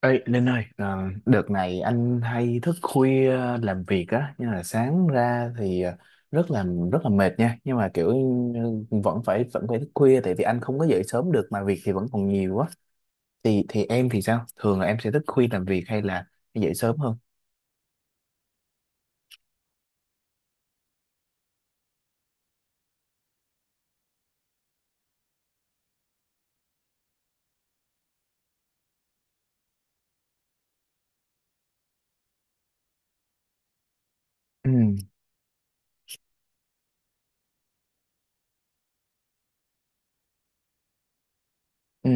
Ê, Linh ơi, đợt này anh hay thức khuya làm việc á, nhưng là sáng ra thì rất là rất là mệt nha, nhưng mà kiểu vẫn phải thức khuya tại vì anh không có dậy sớm được mà việc thì vẫn còn nhiều quá. Thì em thì sao? Thường là em sẽ thức khuya làm việc hay là dậy sớm hơn? Ừ, ừ,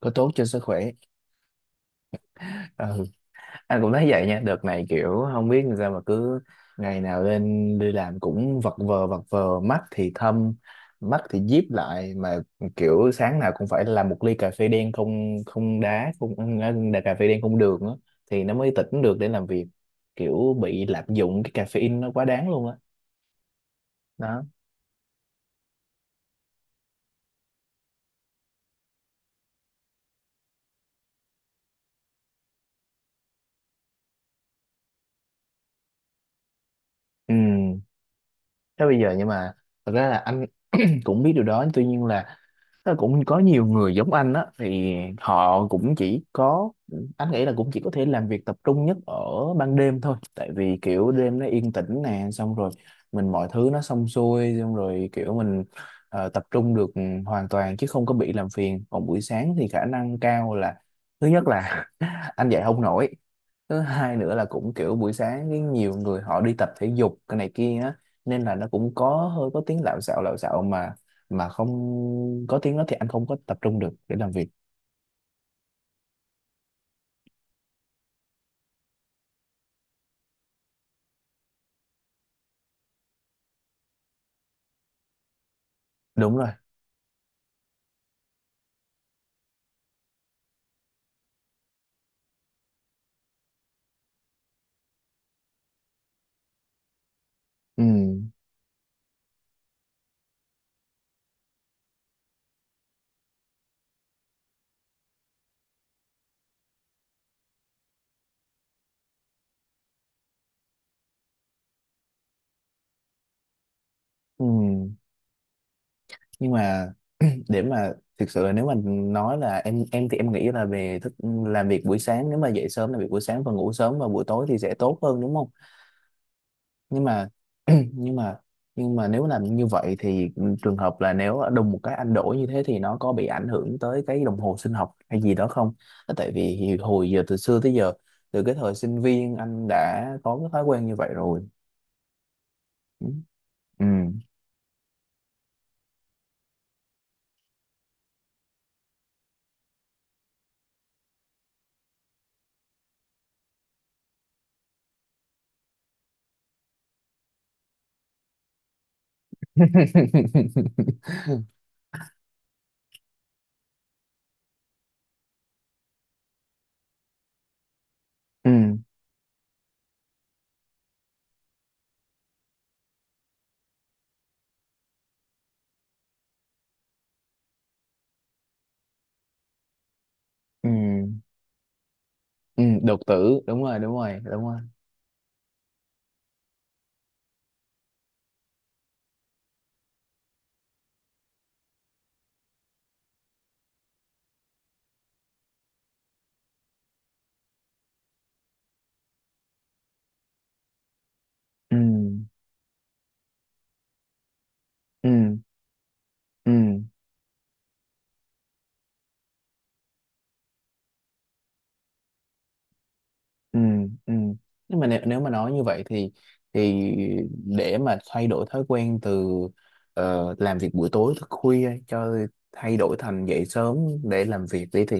có tốt cho sức khỏe. Ừ, anh cũng thấy vậy nha, đợt này kiểu không biết làm sao mà cứ ngày nào lên đi làm cũng vật vờ vật vờ, mắt thì thâm, mắt thì díp lại mà kiểu sáng nào cũng phải làm một ly cà phê đen không không đá không đá cà phê đen không đường á thì nó mới tỉnh được để làm việc, kiểu bị lạm dụng cái caffeine nó quá đáng luôn á. Đó. Ừ. Thế bây giờ, nhưng mà thật ra là anh cũng biết điều đó, tuy nhiên là nó cũng có nhiều người giống anh á thì họ cũng chỉ có, anh nghĩ là cũng chỉ có thể làm việc tập trung nhất ở ban đêm thôi, tại vì kiểu đêm nó yên tĩnh nè, xong rồi mình mọi thứ nó xong xuôi xong rồi kiểu mình tập trung được hoàn toàn chứ không có bị làm phiền. Còn buổi sáng thì khả năng cao là thứ nhất là anh dậy không nổi, thứ hai nữa là cũng kiểu buổi sáng cái nhiều người họ đi tập thể dục cái này kia á, nên là nó cũng có hơi có tiếng lạo xạo lạo xạo, mà không có tiếng đó thì anh không có tập trung được để làm việc. Đúng rồi. Ừ. Ừ. Nhưng mà để mà thực sự là, nếu mà nói là em thì em nghĩ là về thức làm việc buổi sáng, nếu mà dậy sớm làm việc buổi sáng và ngủ sớm vào buổi tối thì sẽ tốt hơn đúng không, nhưng mà nhưng mà nhưng mà nếu làm như vậy thì trường hợp là nếu đùng một cái anh đổi như thế thì nó có bị ảnh hưởng tới cái đồng hồ sinh học hay gì đó không? Tại vì thì hồi giờ từ xưa tới giờ, từ cái thời sinh viên anh đã có cái thói quen như vậy rồi. Ừ. Ừ. Ừ. Ừ. Ừ. Đột tử, đúng rồi, đúng rồi, đúng rồi. Ừ. Ừ. Ừ. Ừ, ừ. Nhưng mà nếu, nếu mà nói như vậy thì để mà thay đổi thói quen từ làm việc buổi tối thức khuya cho thay đổi thành dậy sớm để làm việc đi thì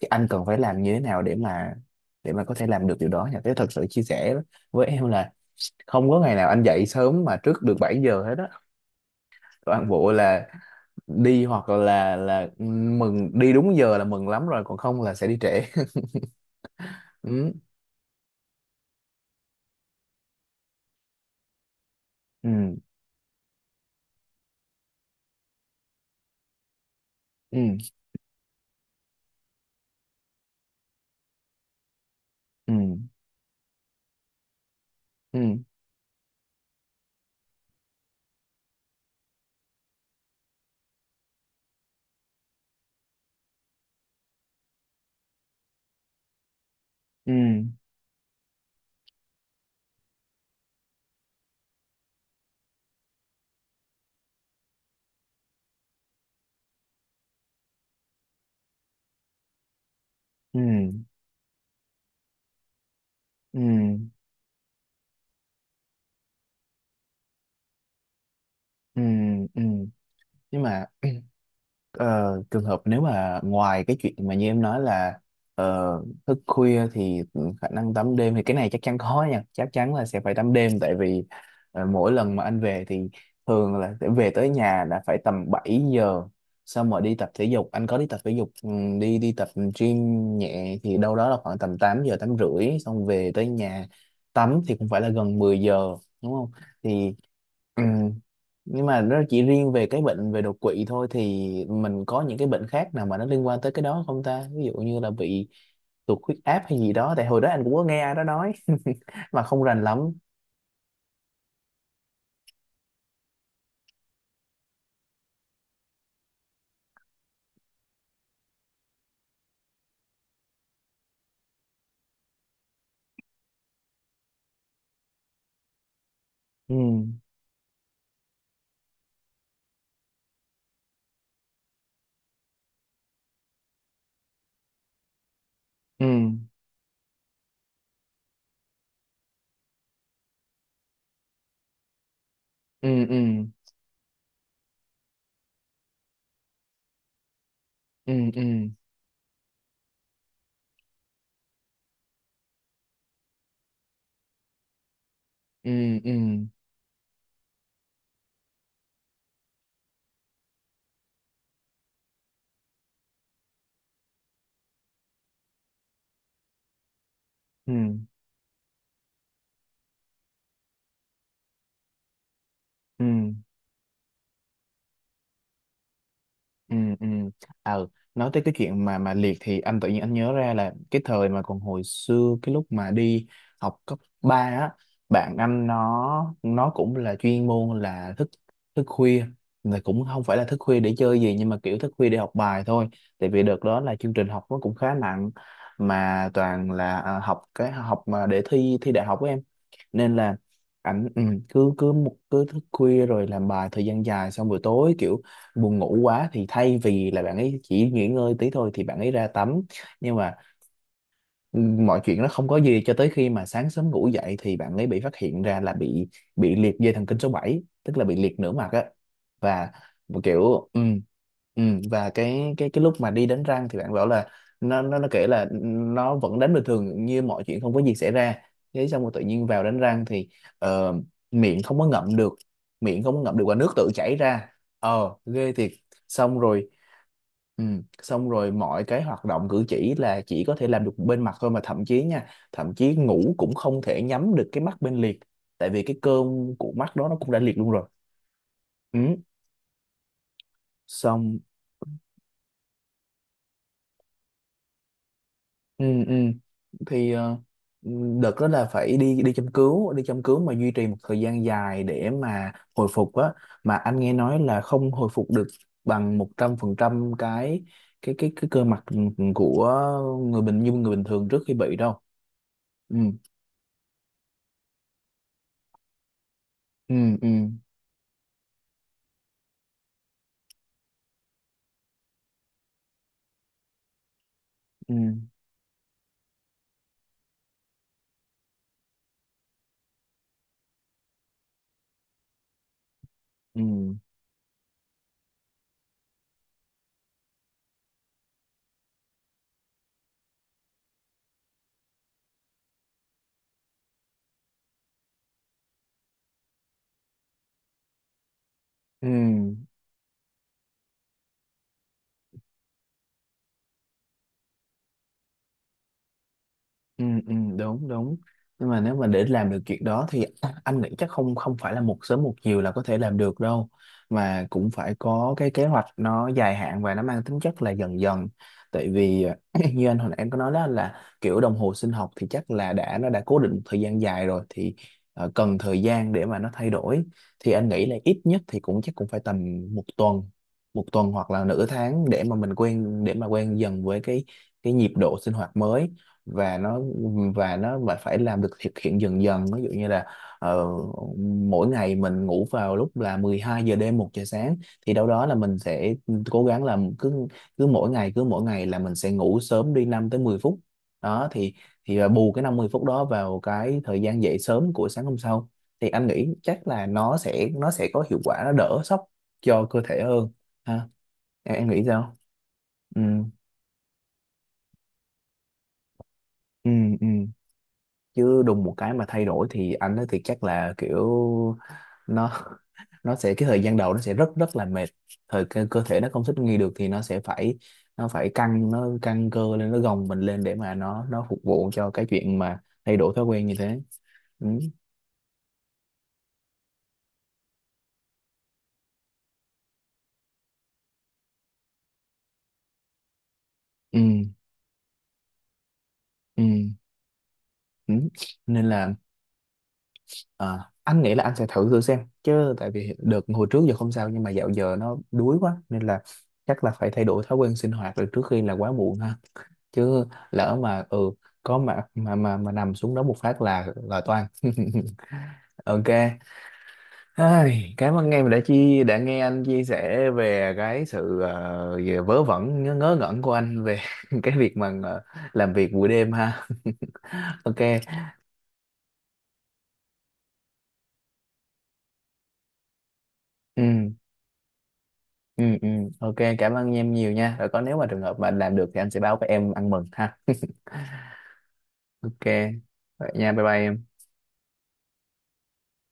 anh cần phải làm như thế nào để mà có thể làm được điều đó nhỉ? Thế thật sự chia sẻ với em là không có ngày nào anh dậy sớm mà trước được 7 giờ hết á. Toàn bộ là đi, hoặc là mừng đi đúng giờ là mừng lắm rồi, còn không là sẽ đi trễ. Ừ. Ừ. Ừ. Ừ. Ừ. Ừ. Ừ. Ừ. Ừ. Ừ. Nhưng mà ờ, trường hợp nếu mà ngoài cái chuyện mà như em nói là ờ, thức khuya thì khả năng tắm đêm thì cái này chắc chắn có nha, chắc chắn là sẽ phải tắm đêm. Tại vì mỗi lần mà anh về thì thường là sẽ về tới nhà đã phải tầm 7 giờ, xong rồi đi tập thể dục, anh có đi tập thể dục, đi đi tập gym nhẹ thì đâu đó là khoảng tầm 8 giờ 8 rưỡi, xong về tới nhà tắm thì cũng phải là gần 10 giờ đúng không, thì Ừ. Nhưng mà nó chỉ riêng về cái bệnh về đột quỵ thôi thì mình có những cái bệnh khác nào mà nó liên quan tới cái đó không ta, ví dụ như là bị tụt huyết áp hay gì đó, tại hồi đó anh cũng có nghe ai đó nói mà không rành lắm. Ừ. Ừ. Ừ. Ừ. Ừ. Ừ. Ừ. Ừ. Ừ. Ừ. Ừ. Ừ. Ờ. Nói tới cái chuyện mà liệt thì anh tự nhiên anh nhớ ra là cái thời mà còn hồi xưa cái lúc mà đi học cấp 3 á, bạn anh nó cũng là chuyên môn là thức thức khuya, mà cũng không phải là thức khuya để chơi gì, nhưng mà kiểu thức khuya để học bài thôi. Tại vì đợt đó là chương trình học nó cũng khá nặng mà toàn là học, cái học mà để thi thi đại học của em, nên là ảnh cứ cứ một cứ thức khuya rồi làm bài thời gian dài, xong buổi tối kiểu buồn ngủ quá thì thay vì là bạn ấy chỉ nghỉ ngơi tí thôi thì bạn ấy ra tắm. Nhưng mà mọi chuyện nó không có gì cho tới khi mà sáng sớm ngủ dậy thì bạn ấy bị phát hiện ra là bị liệt dây thần kinh số 7, tức là bị liệt nửa mặt á. Và một kiểu ừ, và cái lúc mà đi đánh răng thì bạn bảo là nó kể là nó vẫn đánh bình thường như mọi chuyện không có gì xảy ra, thế xong rồi tự nhiên vào đánh răng thì ờ, miệng không có ngậm được, miệng không có ngậm được và nước tự chảy ra. Ờ, ghê thiệt. Xong rồi. Ừ. Xong rồi mọi cái hoạt động cử chỉ là chỉ có thể làm được bên mặt thôi, mà thậm chí nha, thậm chí ngủ cũng không thể nhắm được cái mắt bên liệt, tại vì cái cơm của mắt đó nó cũng đã liệt luôn rồi. Ừ. Xong ừ, ừ. Thì ừ, đợt đó là phải đi đi châm cứu, mà duy trì một thời gian dài để mà hồi phục á, mà anh nghe nói là không hồi phục được bằng 100% cái cơ mặt, của người bình như người bình thường trước khi bị đâu. Ừ. Ừ. Ừ. Ừ. Ừ. Ừ. Ừ, ừ, đúng đúng. Nhưng mà nếu mà để làm được chuyện đó thì anh nghĩ chắc không không phải là một sớm một chiều là có thể làm được đâu, mà cũng phải có cái kế hoạch nó dài hạn và nó mang tính chất là dần dần. Tại vì như anh hồi nãy em có nói đó, là kiểu đồng hồ sinh học thì chắc là đã nó đã cố định một thời gian dài rồi, thì cần thời gian để mà nó thay đổi, thì anh nghĩ là ít nhất thì cũng chắc cũng phải tầm một tuần một tuần hoặc là nửa tháng để mà mình quen, để mà quen dần với cái nhịp độ sinh hoạt mới, và và nó mà phải làm được thực hiện dần dần, ví dụ như là ờ, mỗi ngày mình ngủ vào lúc là 12 giờ đêm 1 giờ sáng, thì đâu đó là mình sẽ cố gắng làm cứ cứ mỗi ngày là mình sẽ ngủ sớm đi 5 tới 10 phút đó, thì là bù cái 50 phút đó vào cái thời gian dậy sớm của sáng hôm sau, thì anh nghĩ chắc là nó sẽ có hiệu quả, nó đỡ sốc cho cơ thể hơn ha. Em nghĩ sao? Ừ. Ừ. Ừ. Chứ đùng một cái mà thay đổi thì anh ấy thì chắc là kiểu nó nó sẽ, cái thời gian đầu nó sẽ rất rất là mệt, cơ thể nó không thích nghi được thì nó sẽ phải, nó phải căng, nó căng cơ lên, nó gồng mình lên để mà nó phục vụ cho cái chuyện mà thay đổi thói quen như thế. Ừ. Ừ. Ừ. Ừ. Nên là anh nghĩ là anh sẽ thử thử xem chứ, tại vì đợt hồi trước giờ không sao nhưng mà dạo giờ nó đuối quá nên là chắc là phải thay đổi thói quen sinh hoạt rồi trước khi là quá muộn ha, chứ lỡ mà ừ có mà nằm xuống đó một phát là toang. Ok. Ai, cảm ơn em đã đã nghe anh chia sẻ về cái sự về vớ vẩn, ngớ ngẩn của anh về cái việc mà làm việc buổi đêm ha. Ok. Ừ. Ừ. Ừ. Ok, cảm ơn em nhiều nha, rồi có, nếu mà trường hợp mà anh làm được thì anh sẽ báo với em ăn mừng ha. Ok, vậy nha, bye bye em.